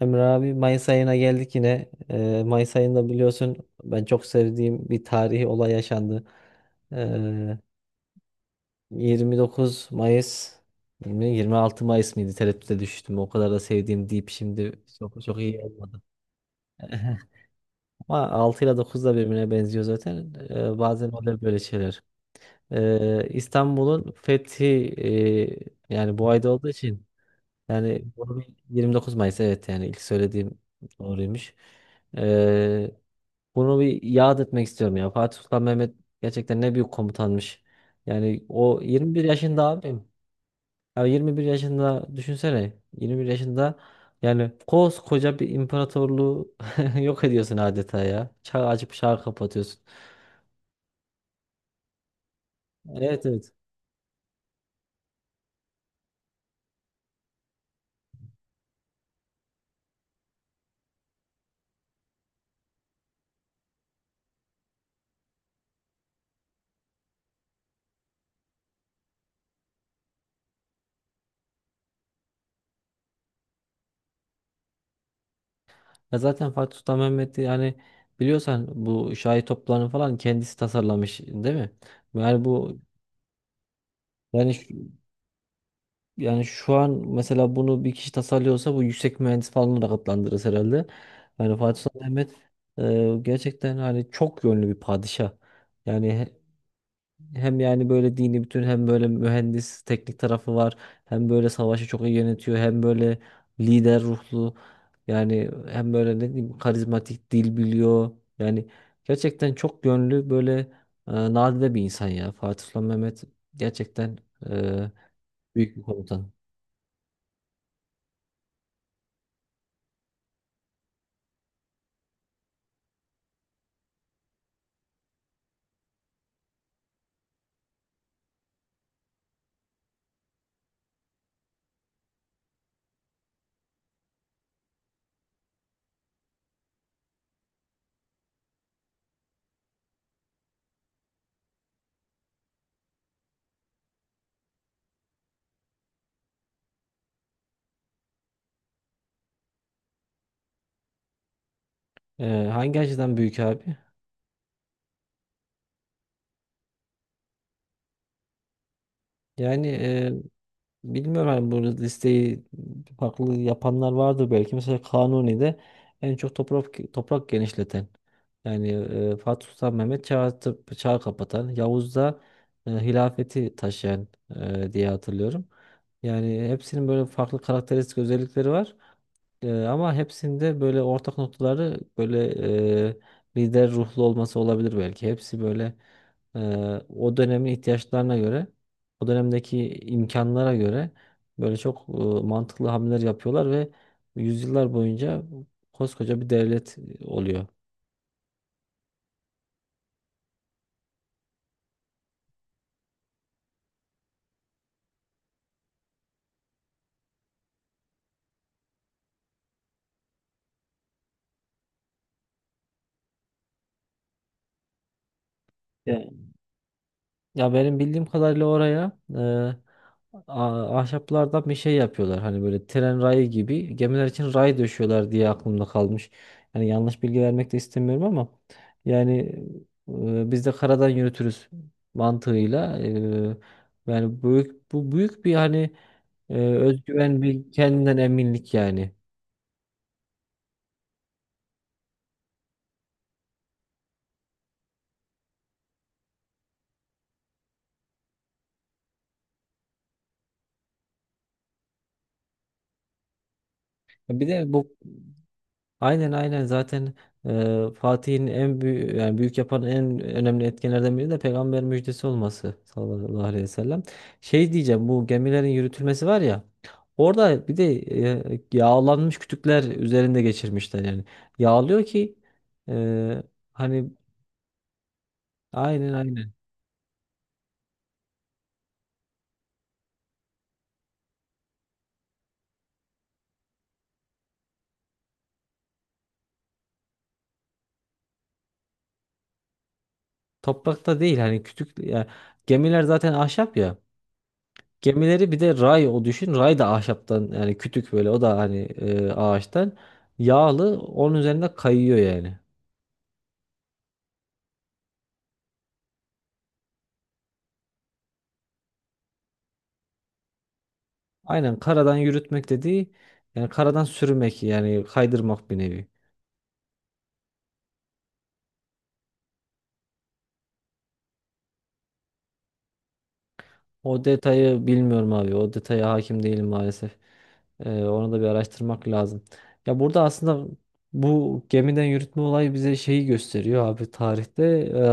Emre abi Mayıs ayına geldik yine. Mayıs ayında biliyorsun ben çok sevdiğim bir tarihi olay yaşandı. Ee, 29 Mayıs mi, 26 Mayıs mıydı? Tereddüte düştüm. O kadar da sevdiğim deyip şimdi çok çok iyi olmadı. Ama 6 ile 9 da birbirine benziyor zaten. Bazen oluyor böyle şeyler. İstanbul'un fethi yani bu ayda olduğu için. Yani bunu bir 29 Mayıs, evet, yani ilk söylediğim doğruymuş. Ee, bunu bir yad etmek istiyorum ya. Fatih Sultan Mehmet gerçekten ne büyük komutanmış. Yani o 21 yaşında abim. Ya 21 yaşında düşünsene. 21 yaşında yani koskoca bir imparatorluğu yok ediyorsun adeta ya. Çağ açıp çağ kapatıyorsun. Evet, evet. Ya zaten Fatih Sultan Mehmet'i yani biliyorsan bu şahi toplarını falan kendisi tasarlamış değil mi? Yani bu. Yani şu- yani şu an mesela bunu bir kişi tasarlıyorsa bu yüksek mühendis falan olarak adlandırırız herhalde. Yani Fatih Sultan Mehmet gerçekten hani çok yönlü bir padişah. Yani hem yani böyle dini bütün hem böyle mühendis teknik tarafı var. Hem böyle savaşı çok iyi yönetiyor. Hem böyle lider ruhlu. Yani hem böyle ne diyeyim karizmatik, dil biliyor. Yani gerçekten çok yönlü böyle nadide bir insan ya. Fatih Sultan Mehmet gerçekten e, büyük bir komutan. Hangi açıdan büyük abi? Yani bilmiyorum, hani bu listeyi farklı yapanlar vardır belki. Mesela Kanuni'de en çok toprak genişleten. Yani Fatih Sultan Mehmet çağ kapatan. Yavuz'da hilafeti taşıyan diye hatırlıyorum. Yani hepsinin böyle farklı karakteristik özellikleri var. Ama hepsinde böyle ortak noktaları böyle e, lider ruhlu olması olabilir belki. Hepsi böyle e, o dönemin ihtiyaçlarına göre, o dönemdeki imkanlara göre böyle çok mantıklı hamleler yapıyorlar ve yüzyıllar boyunca koskoca bir devlet oluyor. Yani. Ya benim bildiğim kadarıyla oraya ahşaplardan bir şey yapıyorlar. Hani böyle tren rayı gibi gemiler için ray döşüyorlar diye aklımda kalmış. Yani yanlış bilgi vermek de istemiyorum ama yani biz de karadan yürütürüz mantığıyla, yani büyük, bu büyük bir hani özgüven, bir kendinden eminlik yani. Bir de bu. Aynen aynen, zaten Fatih'in en büyük, yani büyük yapan en önemli etkenlerden biri de peygamber müjdesi olması, sallallahu aleyhi ve sellem. Şey diyeceğim, bu gemilerin yürütülmesi var ya, orada bir de yağlanmış kütükler üzerinde geçirmişler yani. Yağlıyor ki e, hani, aynen aynen. Toprakta değil hani, kütük yani, gemiler zaten ahşap ya. Gemileri bir de ray o düşün. Ray da ahşaptan, yani kütük böyle, o da hani ağaçtan, yağlı onun üzerinde kayıyor yani. Aynen, karadan yürütmek dediği yani karadan sürmek, yani kaydırmak bir nevi. O detayı bilmiyorum abi. O detaya hakim değilim maalesef. Onu da bir araştırmak lazım. Ya, burada aslında bu gemiden yürütme olayı bize şeyi gösteriyor abi, tarihte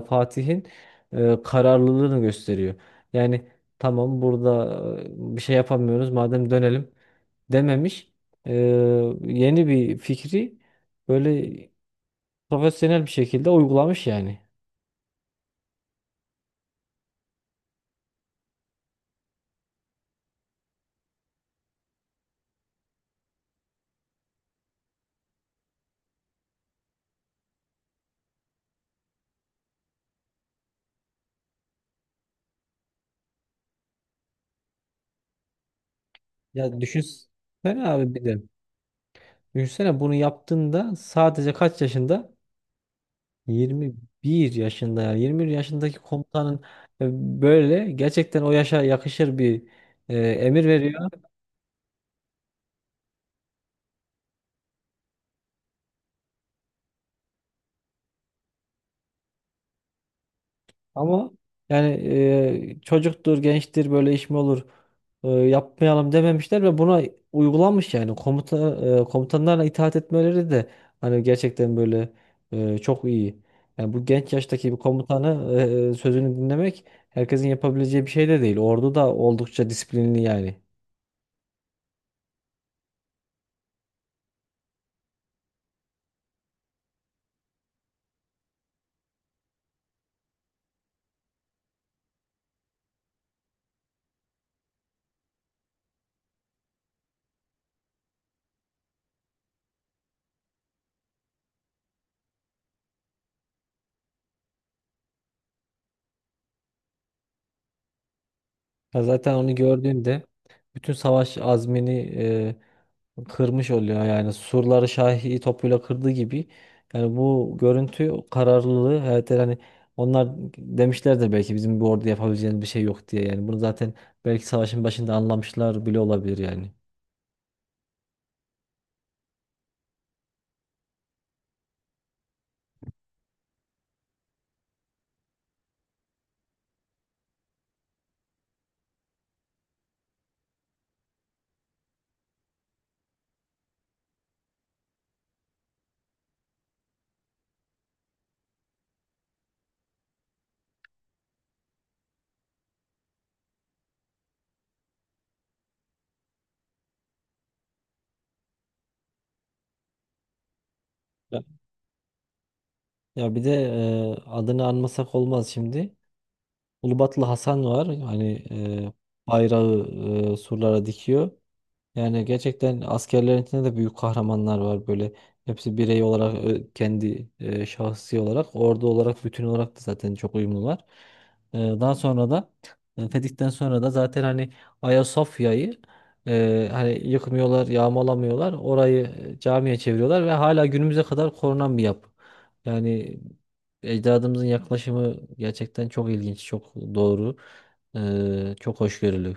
Fatih'in kararlılığını gösteriyor. Yani tamam, burada bir şey yapamıyoruz, madem dönelim dememiş. E, yeni bir fikri böyle profesyonel bir şekilde uygulamış yani. Ya düşünsene abi bir de. Düşünsene bunu yaptığında sadece kaç yaşında? 21 yaşında ya. 21 yaşındaki komutanın e, böyle gerçekten o yaşa yakışır bir emir veriyor. Ama yani çocuktur, gençtir, böyle iş mi olur, yapmayalım dememişler ve buna uygulanmış yani komutanlarla, itaat etmeleri de hani gerçekten böyle çok iyi. Yani bu genç yaştaki bir komutanı sözünü dinlemek herkesin yapabileceği bir şey de değil. Ordu da oldukça disiplinli yani. Ya zaten onu gördüğünde bütün savaş azmini kırmış oluyor yani, surları Şahi topuyla kırdığı gibi, yani bu görüntü, kararlılığı, evet hani onlar demişler de belki, bizim bu orada yapabileceğimiz bir şey yok diye, yani bunu zaten belki savaşın başında anlamışlar bile olabilir yani. Ya, ya bir de adını anmasak olmaz şimdi. Ulubatlı Hasan var hani, e, bayrağı surlara dikiyor. Yani gerçekten askerlerin içinde de büyük kahramanlar var böyle. Hepsi birey olarak, kendi şahsi olarak, ordu olarak, bütün olarak da zaten çok uyumlular. Daha sonra da Fetih'ten sonra da zaten hani Ayasofya'yı hani yıkmıyorlar, yağmalamıyorlar. Orayı camiye çeviriyorlar ve hala günümüze kadar korunan bir yapı. Yani ecdadımızın yaklaşımı gerçekten çok ilginç, çok doğru, çok hoşgörülü.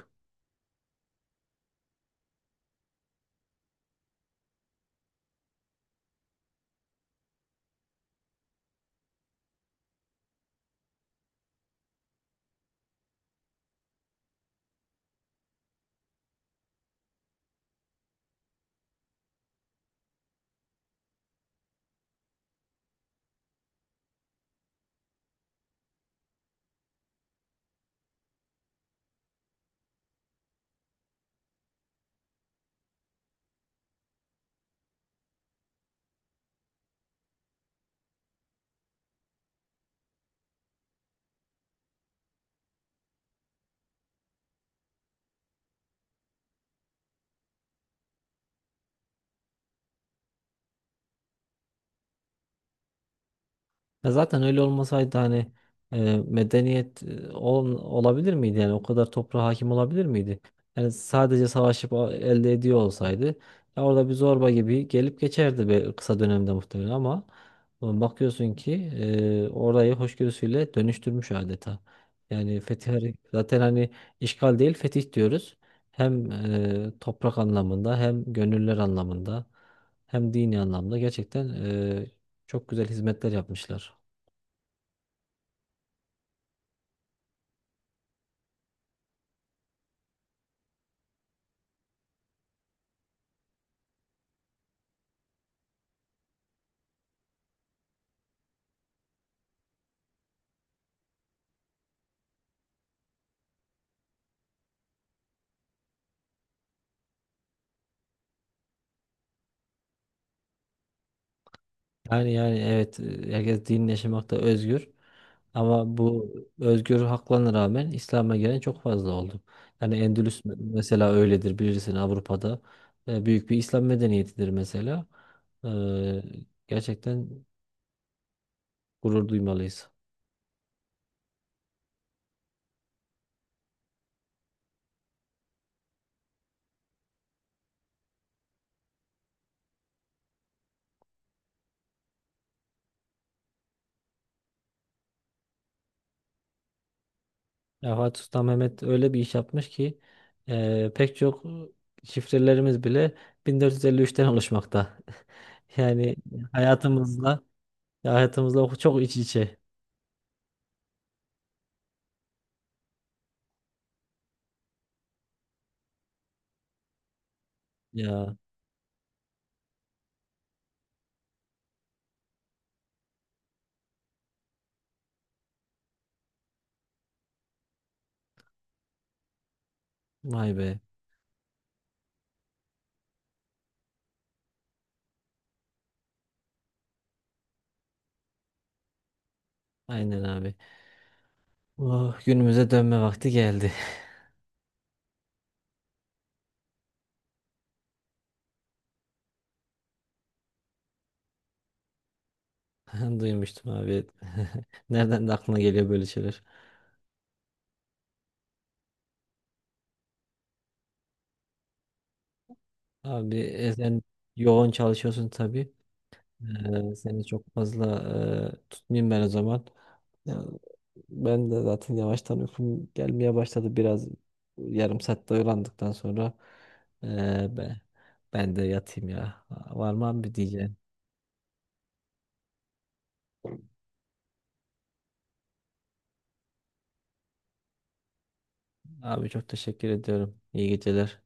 Ya zaten öyle olmasaydı hani medeniyet olabilir miydi, yani o kadar toprağa hakim olabilir miydi? Yani sadece savaşıp elde ediyor olsaydı ya, orada bir zorba gibi gelip geçerdi be, kısa dönemde muhtemelen, ama bakıyorsun ki orayı hoşgörüsüyle dönüştürmüş adeta. Zaten hani işgal değil fetih diyoruz. Hem toprak anlamında, hem gönüller anlamında, hem dini anlamda gerçekten çok güzel hizmetler yapmışlar. Yani evet, herkes din yaşamakta özgür, ama bu özgür haklarına rağmen İslam'a gelen çok fazla oldu. Yani Endülüs mesela öyledir bilirsin, Avrupa'da. Büyük bir İslam medeniyetidir mesela. E, gerçekten gurur duymalıyız. Ya Fatih Sultan Mehmet öyle bir iş yapmış ki pek çok şifrelerimiz bile 1453'ten oluşmakta. Yani hayatımızla hayatımızla çok iç içe. Ya vay be. Aynen abi. Oh, günümüze dönme vakti geldi. Duymuştum abi. Nereden de aklına geliyor böyle şeyler? Abi sen yoğun çalışıyorsun tabii. Seni çok fazla tutmayayım ben o zaman. Ya, ben de zaten yavaştan uykum gelmeye başladı. Biraz yarım saatte uyandıktan sonra e, be, ben de yatayım ya. Var mı abi diyeceğim. Abi çok teşekkür ediyorum. İyi geceler.